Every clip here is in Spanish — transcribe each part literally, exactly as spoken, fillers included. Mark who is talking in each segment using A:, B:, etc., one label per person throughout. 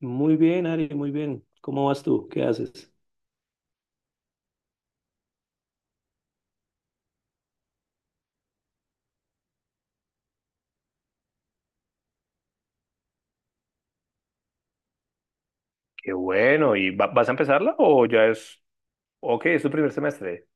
A: Muy bien, Ari, muy bien. ¿Cómo vas tú? ¿Qué haces? Qué bueno. ¿Y va- vas a empezarla o ya es... Ok, es tu primer semestre.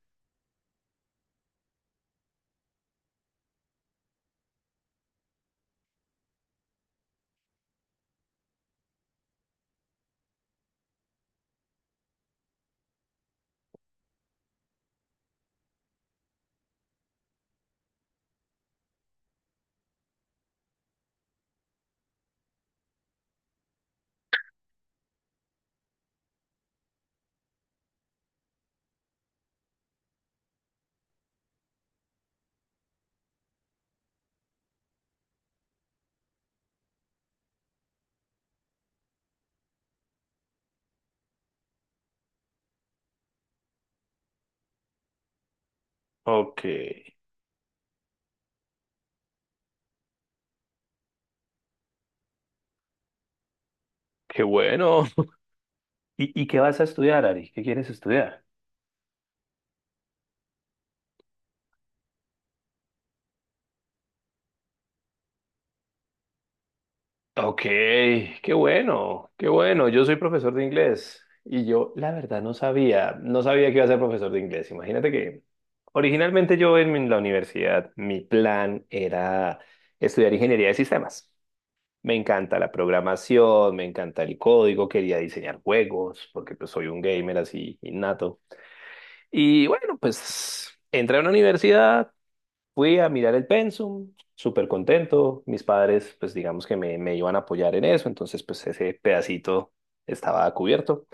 A: Ok, qué bueno. ¿Y, y qué vas a estudiar, Ari? ¿Qué quieres estudiar? Ok, qué bueno, qué bueno. Yo soy profesor de inglés y yo la verdad no sabía, no sabía que iba a ser profesor de inglés. Imagínate que originalmente yo en la universidad, mi plan era estudiar ingeniería de sistemas. Me encanta la programación, me encanta el código, quería diseñar juegos, porque pues soy un gamer así innato. Y bueno, pues entré a una universidad, fui a mirar el pensum, súper contento. Mis padres, pues digamos que me, me iban a apoyar en eso, entonces pues ese pedacito estaba cubierto.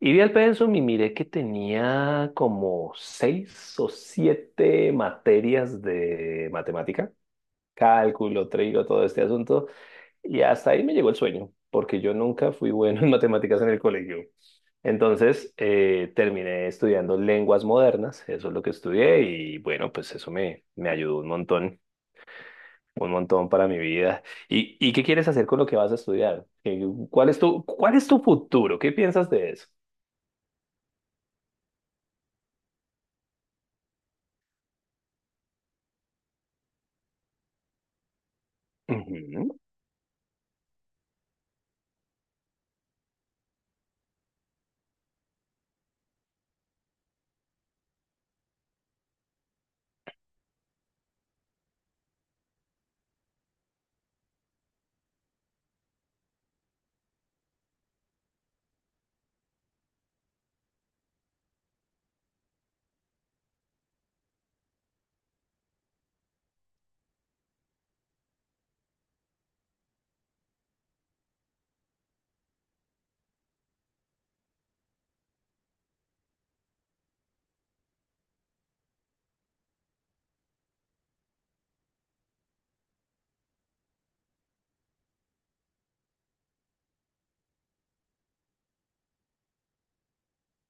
A: Y vi el pensum y miré que tenía como seis o siete materias de matemática, cálculo, trigo, todo este asunto. Y hasta ahí me llegó el sueño, porque yo nunca fui bueno en matemáticas en el colegio. Entonces, eh, terminé estudiando lenguas modernas, eso es lo que estudié y bueno, pues eso me, me ayudó un montón, un montón para mi vida. ¿Y, y qué quieres hacer con lo que vas a estudiar? Eh, ¿Cuál es tu, cuál es tu futuro? ¿Qué piensas de eso? Ujú.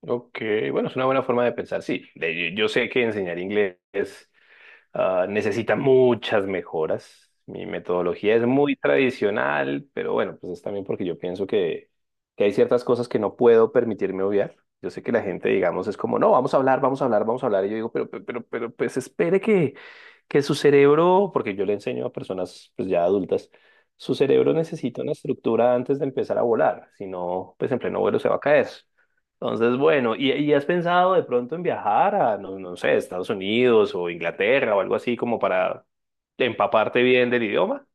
A: Ok, bueno, es una buena forma de pensar, sí. De- yo sé que enseñar inglés ah, necesita muchas mejoras. Mi metodología es muy tradicional, pero bueno, pues es también porque yo pienso que, que hay ciertas cosas que no puedo permitirme obviar. Yo sé que la gente, digamos, es como, no, vamos a hablar, vamos a hablar, vamos a hablar. Y yo digo, pero, pero, pero, pero, pues espere que, que su cerebro, porque yo le enseño a personas pues ya adultas, su cerebro necesita una estructura antes de empezar a volar. Si no, pues en pleno vuelo se va a caer. Entonces, bueno, ¿y, y has pensado de pronto en viajar a, no, no sé, Estados Unidos o Inglaterra o algo así como para empaparte bien del idioma?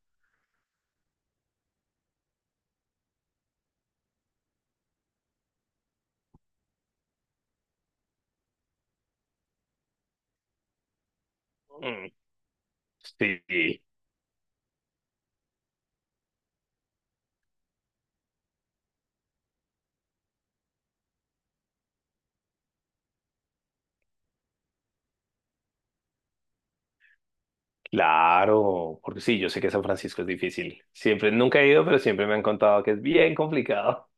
A: Mm. Sí, claro, porque sí, yo sé que San Francisco es difícil. Siempre, nunca he ido, pero siempre me han contado que es bien complicado.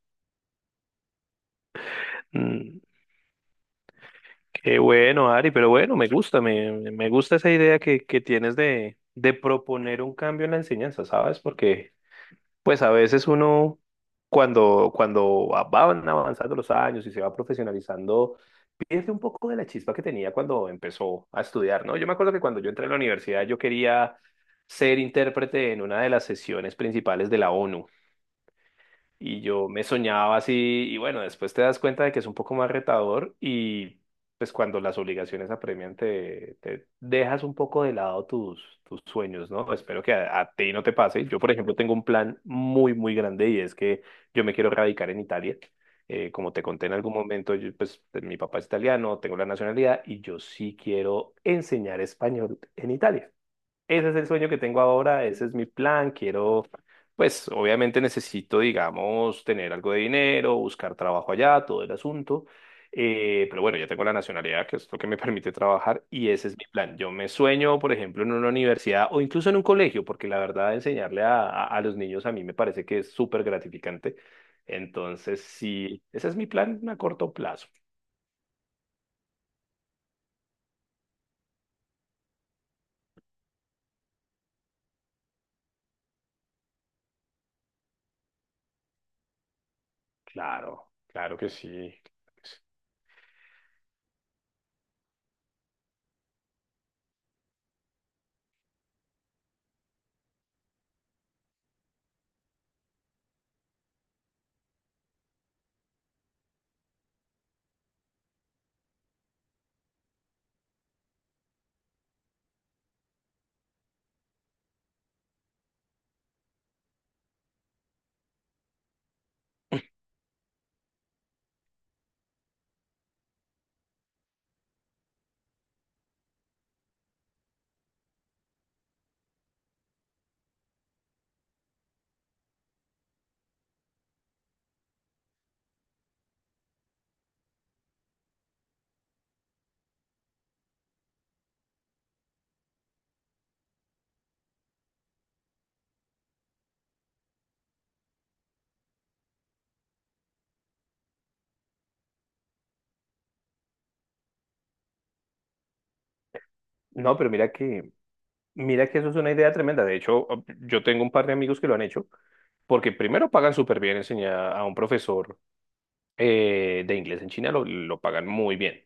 A: Mm. Qué bueno, Ari, pero bueno, me gusta, me, me gusta esa idea que, que tienes de, de proponer un cambio en la enseñanza, ¿sabes? Porque pues a veces uno, cuando, cuando van avanzando los años y se va profesionalizando, pierde un poco de la chispa que tenía cuando empezó a estudiar, ¿no? Yo me acuerdo que cuando yo entré a la universidad yo quería ser intérprete en una de las sesiones principales de la ONU. Y yo me soñaba así, y bueno, después te das cuenta de que es un poco más retador y pues cuando las obligaciones apremian te, te dejas un poco de lado tus, tus sueños, ¿no? Espero que a, a ti no te pase. Yo, por ejemplo, tengo un plan muy, muy grande y es que yo me quiero radicar en Italia. Eh, como te conté en algún momento, yo, pues mi papá es italiano, tengo la nacionalidad y yo sí quiero enseñar español en Italia. Ese es el sueño que tengo ahora, ese es mi plan. Quiero, pues obviamente necesito, digamos, tener algo de dinero, buscar trabajo allá, todo el asunto. Eh, pero bueno, ya tengo la nacionalidad, que es lo que me permite trabajar, y ese es mi plan. Yo me sueño, por ejemplo, en una universidad o incluso en un colegio, porque la verdad, enseñarle a, a, a los niños a mí me parece que es súper gratificante. Entonces, sí, ese es mi plan a corto plazo. Claro, claro que sí. No, pero mira que mira que eso es una idea tremenda. De hecho, yo tengo un par de amigos que lo han hecho, porque primero pagan súper bien enseñar a un profesor eh, de inglés en China, lo, lo pagan muy bien.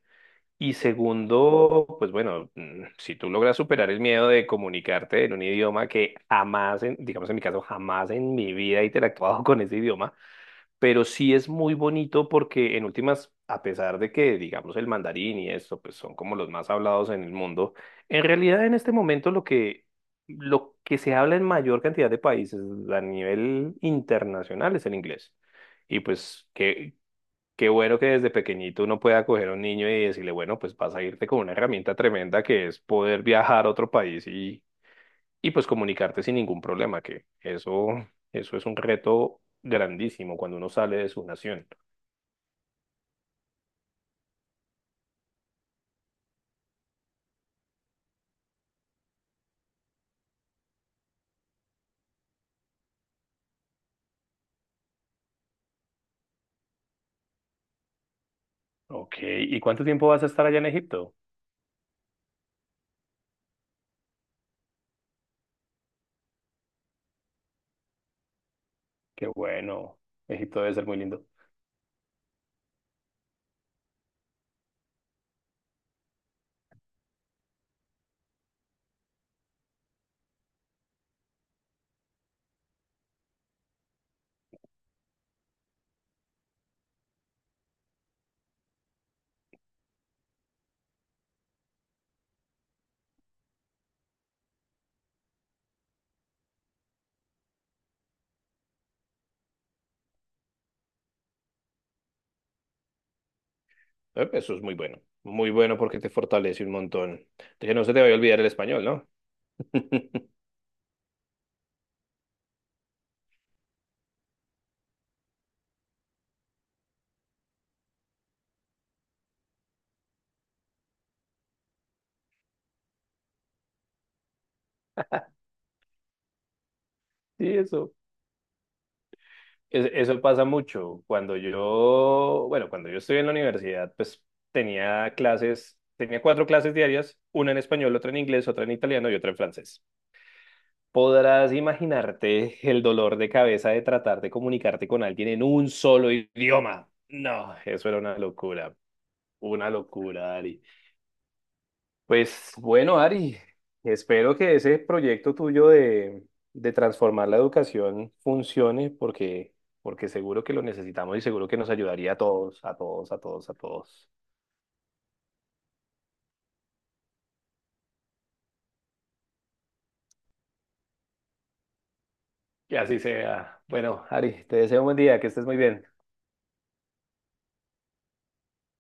A: Y segundo, pues bueno, mm, si tú logras superar el miedo de comunicarte en un idioma que jamás, en- digamos en mi caso, jamás en mi vida he interactuado con ese idioma, pero sí es muy bonito porque en últimas, a pesar de que, digamos, el mandarín y esto, pues son como los más hablados en el mundo, en realidad en este momento lo que, lo que se habla en mayor cantidad de países a nivel internacional es el inglés. Y pues qué, qué bueno que desde pequeñito uno pueda coger a un niño y decirle, bueno, pues vas a irte con una herramienta tremenda que es poder viajar a otro país y y pues comunicarte sin ningún problema, que eso, eso es un reto grandísimo cuando uno sale de su nación. Ok, ¿y cuánto tiempo vas a estar allá en Egipto? Qué bueno, Egipto debe ser muy lindo. Eh, Eso es muy bueno, muy bueno porque te fortalece un montón. Que no se te vaya a olvidar el español, ¿no? Sí, eso. Es- Eso pasa mucho. Cuando yo, bueno, cuando yo estuve en la universidad, pues tenía clases, tenía cuatro clases diarias, una en español, otra en inglés, otra en italiano y otra en francés. Podrás imaginarte el dolor de cabeza de tratar de comunicarte con alguien en un solo idioma. No, eso era una locura, una locura, Ari. Pues bueno, Ari, espero que ese proyecto tuyo de, de transformar la educación funcione porque, porque seguro que lo necesitamos y seguro que nos ayudaría a todos, a todos, a todos, a todos. Que así sea. Bueno, Ari, te deseo un buen día, que estés muy bien.